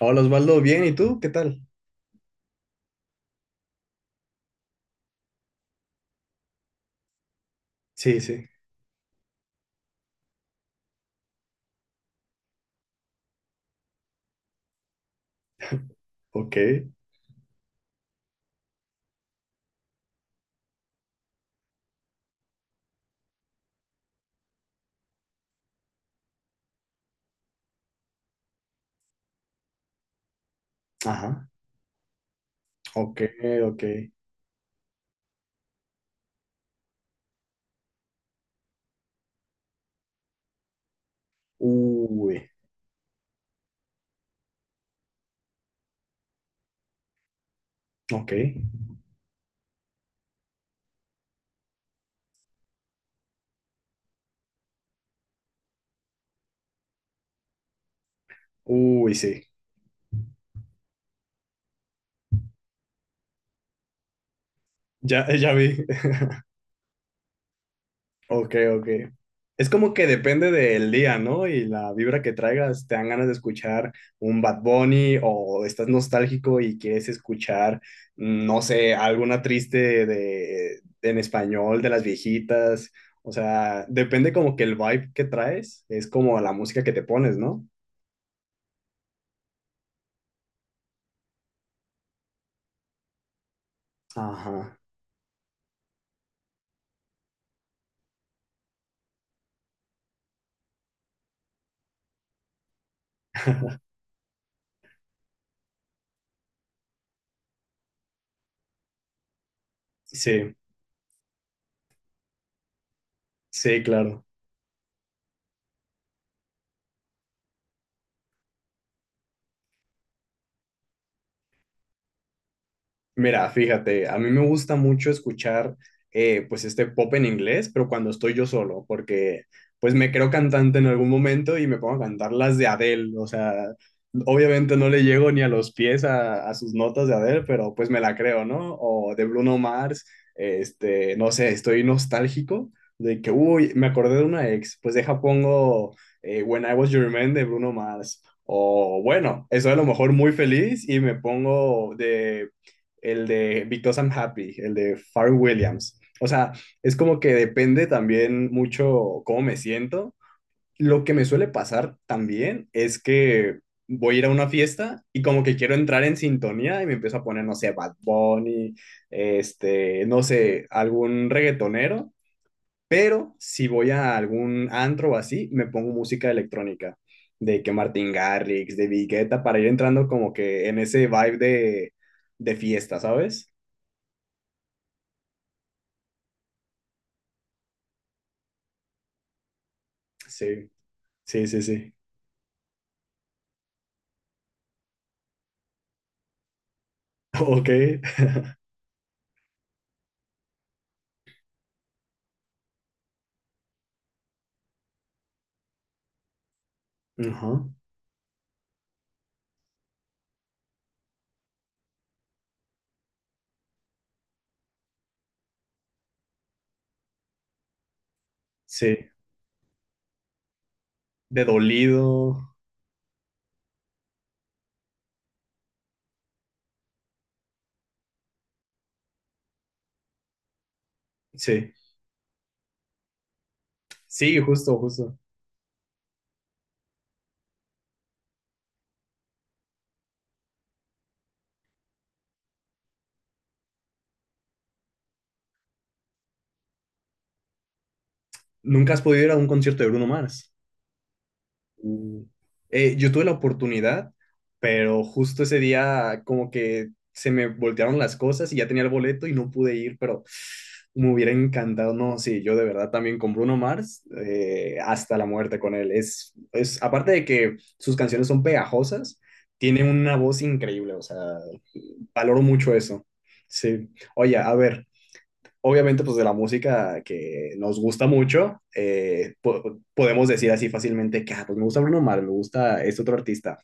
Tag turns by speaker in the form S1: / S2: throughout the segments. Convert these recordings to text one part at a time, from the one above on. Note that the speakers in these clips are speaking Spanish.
S1: Hola Osvaldo, bien, ¿y tú? ¿Qué tal? Sí, sí, ok, ajá, ok, ok, uy, ok, uy, sí, ya, ya vi, ok, ok. Es como que depende del día, ¿no? Y la vibra que traigas, te dan ganas de escuchar un Bad Bunny o estás nostálgico y quieres escuchar, mm, no sé, alguna triste de, en español de las viejitas, o sea, depende como que el vibe que traes, es como la música que te pones, ¿no? Ajá. Sí, sí, claro. Mira, fíjate, a mí me gusta mucho escuchar pues este pop en inglés, pero cuando estoy yo solo, porque pues me creo cantante en algún momento y me pongo a cantar las de Adele, o sea, obviamente no le llego ni a los pies a sus notas de Adele, pero pues me la creo, ¿no? O de Bruno Mars, este, no sé, estoy nostálgico de que, uy, me acordé de una ex, pues deja pongo When I Was Your Man de Bruno Mars. O bueno, estoy a lo mejor muy feliz y me pongo de el de Because I'm Happy, el de Pharrell Williams. O sea, es como que depende también mucho cómo me siento. Lo que me suele pasar también es que voy a ir a una fiesta y como que quiero entrar en sintonía y me empiezo a poner, no sé, Bad Bunny, este, no sé, algún reggaetonero, pero si voy a algún antro o así, me pongo música electrónica, de que Martin Garrix, de Vigueta, para ir entrando como que en ese vibe de fiesta, ¿sabes? Sí, sí, sí, sí. Ok. Ajá. Sí. De dolido. Sí. Sí, justo, justo. ¿Nunca has podido ir a un concierto de Bruno Mars? Mm. Yo tuve la oportunidad, pero justo ese día como que se me voltearon las cosas y ya tenía el boleto y no pude ir, pero me hubiera encantado. No, sí, yo de verdad también con Bruno Mars, hasta la muerte con él. Es, aparte de que sus canciones son pegajosas, tiene una voz increíble, o sea, valoro mucho eso. Sí. Oye, a ver, obviamente pues de la música que nos gusta mucho, podemos decir así fácilmente que, ah, pues me gusta Bruno Mars, me gusta este otro artista.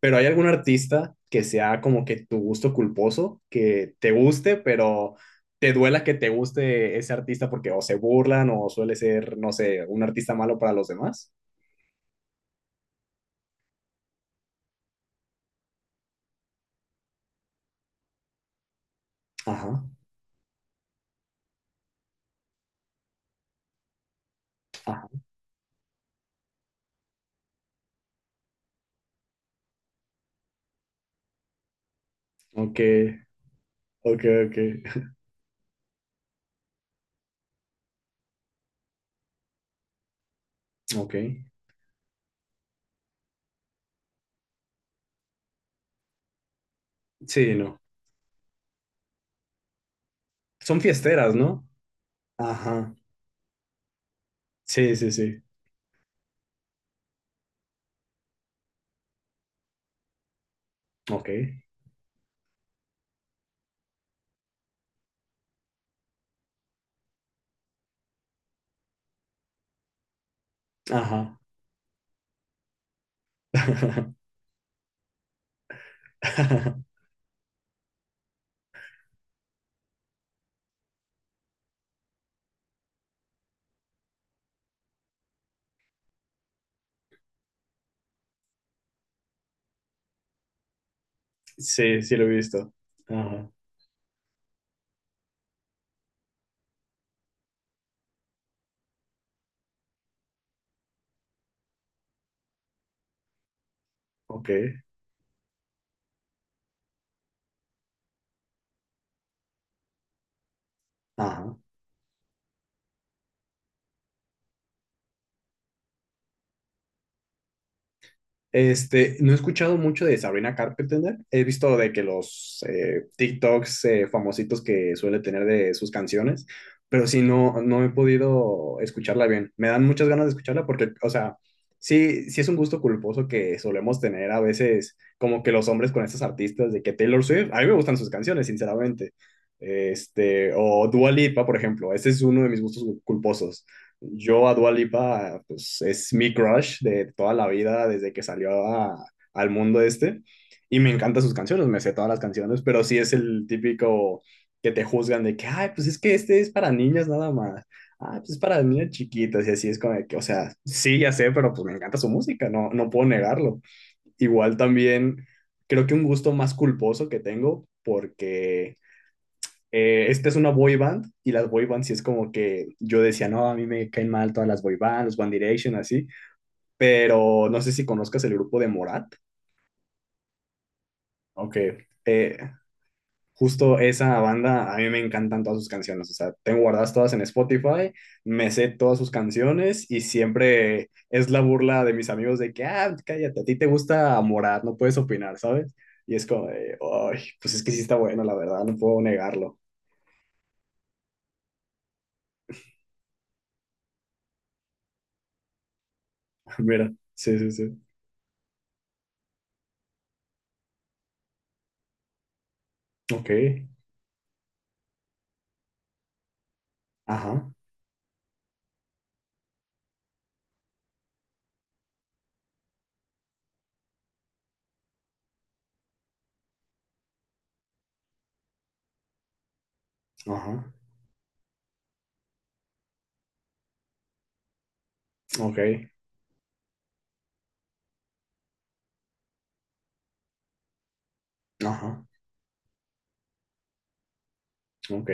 S1: Pero ¿hay algún artista que sea como que tu gusto culposo, que te guste, pero te duela que te guste ese artista porque o se burlan o suele ser, no sé, un artista malo para los demás? Ajá, ajá. Ok, ok, ok, ok. Sí, no. Son fiesteras, ¿no? Ajá. Sí, sí, sí. Ok. Ajá. Sí, sí lo he visto. Ajá. Ok. Ajá. Este, no he escuchado mucho de Sabrina Carpenter. He visto de que los TikToks famositos que suele tener de sus canciones, pero sí no, no he podido escucharla bien. Me dan muchas ganas de escucharla porque, o sea, sí, sí es un gusto culposo que solemos tener a veces como que los hombres con estos artistas de que Taylor Swift, a mí me gustan sus canciones, sinceramente. Este, o Dua Lipa, por ejemplo, ese es uno de mis gustos culposos. Yo a Dua Lipa, pues es mi crush de toda la vida, desde que salió al mundo este. Y me encantan sus canciones, me sé todas las canciones, pero sí es el típico que te juzgan de que, ay, pues es que este es para niñas nada más. Ah, pues es para niñas chiquitas y así es como de que, o sea, sí, ya sé, pero pues me encanta su música, no, no puedo negarlo. Igual también creo que un gusto más culposo que tengo, porque esta es una boy band y las boy bands sí es como que yo decía, no, a mí me caen mal todas las boy bands, los One Direction, así, pero no sé si conozcas el grupo de Morat, aunque justo esa banda, a mí me encantan todas sus canciones, o sea, tengo guardadas todas en Spotify, me sé todas sus canciones y siempre es la burla de mis amigos de que, ah, cállate, a ti te gusta Morat, no puedes opinar, ¿sabes? Y es como, de, ay, pues es que sí está bueno, la verdad, no puedo negarlo. Mira, sí, sí, sí. Ok, ajá. Ajá, ok, ajá, ok,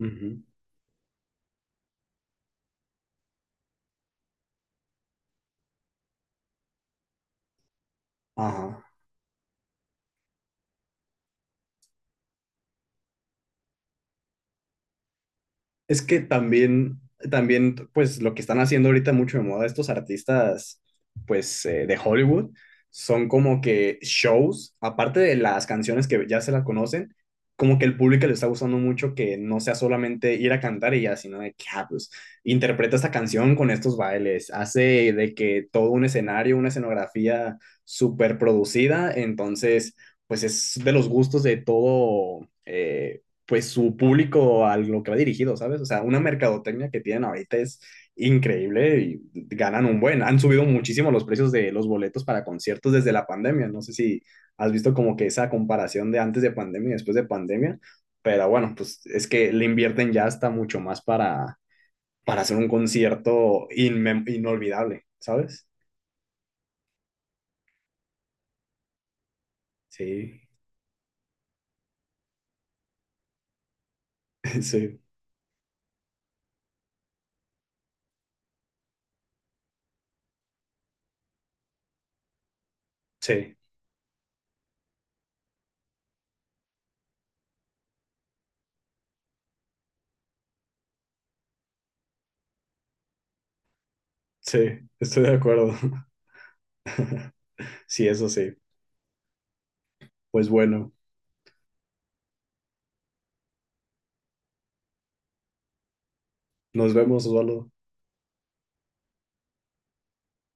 S1: ujú, ajá. Es que también, también, pues lo que están haciendo ahorita mucho de moda estos artistas, pues de Hollywood, son como que shows, aparte de las canciones que ya se las conocen, como que el público le está gustando mucho que no sea solamente ir a cantar y ya, sino de que, ah, pues, interpreta esta canción con estos bailes, hace de que todo un escenario, una escenografía súper producida, entonces, pues es de los gustos de todo. Pues su público a lo que va dirigido, ¿sabes? O sea, una mercadotecnia que tienen ahorita es increíble y ganan un buen. Han subido muchísimo los precios de los boletos para conciertos desde la pandemia. No sé si has visto como que esa comparación de antes de pandemia y después de pandemia, pero bueno, pues es que le invierten ya hasta mucho más para hacer un concierto inolvidable, ¿sabes? Sí, sí, sí, sí, estoy de acuerdo. Sí, eso sí. Pues bueno, nos vemos, Osvaldo.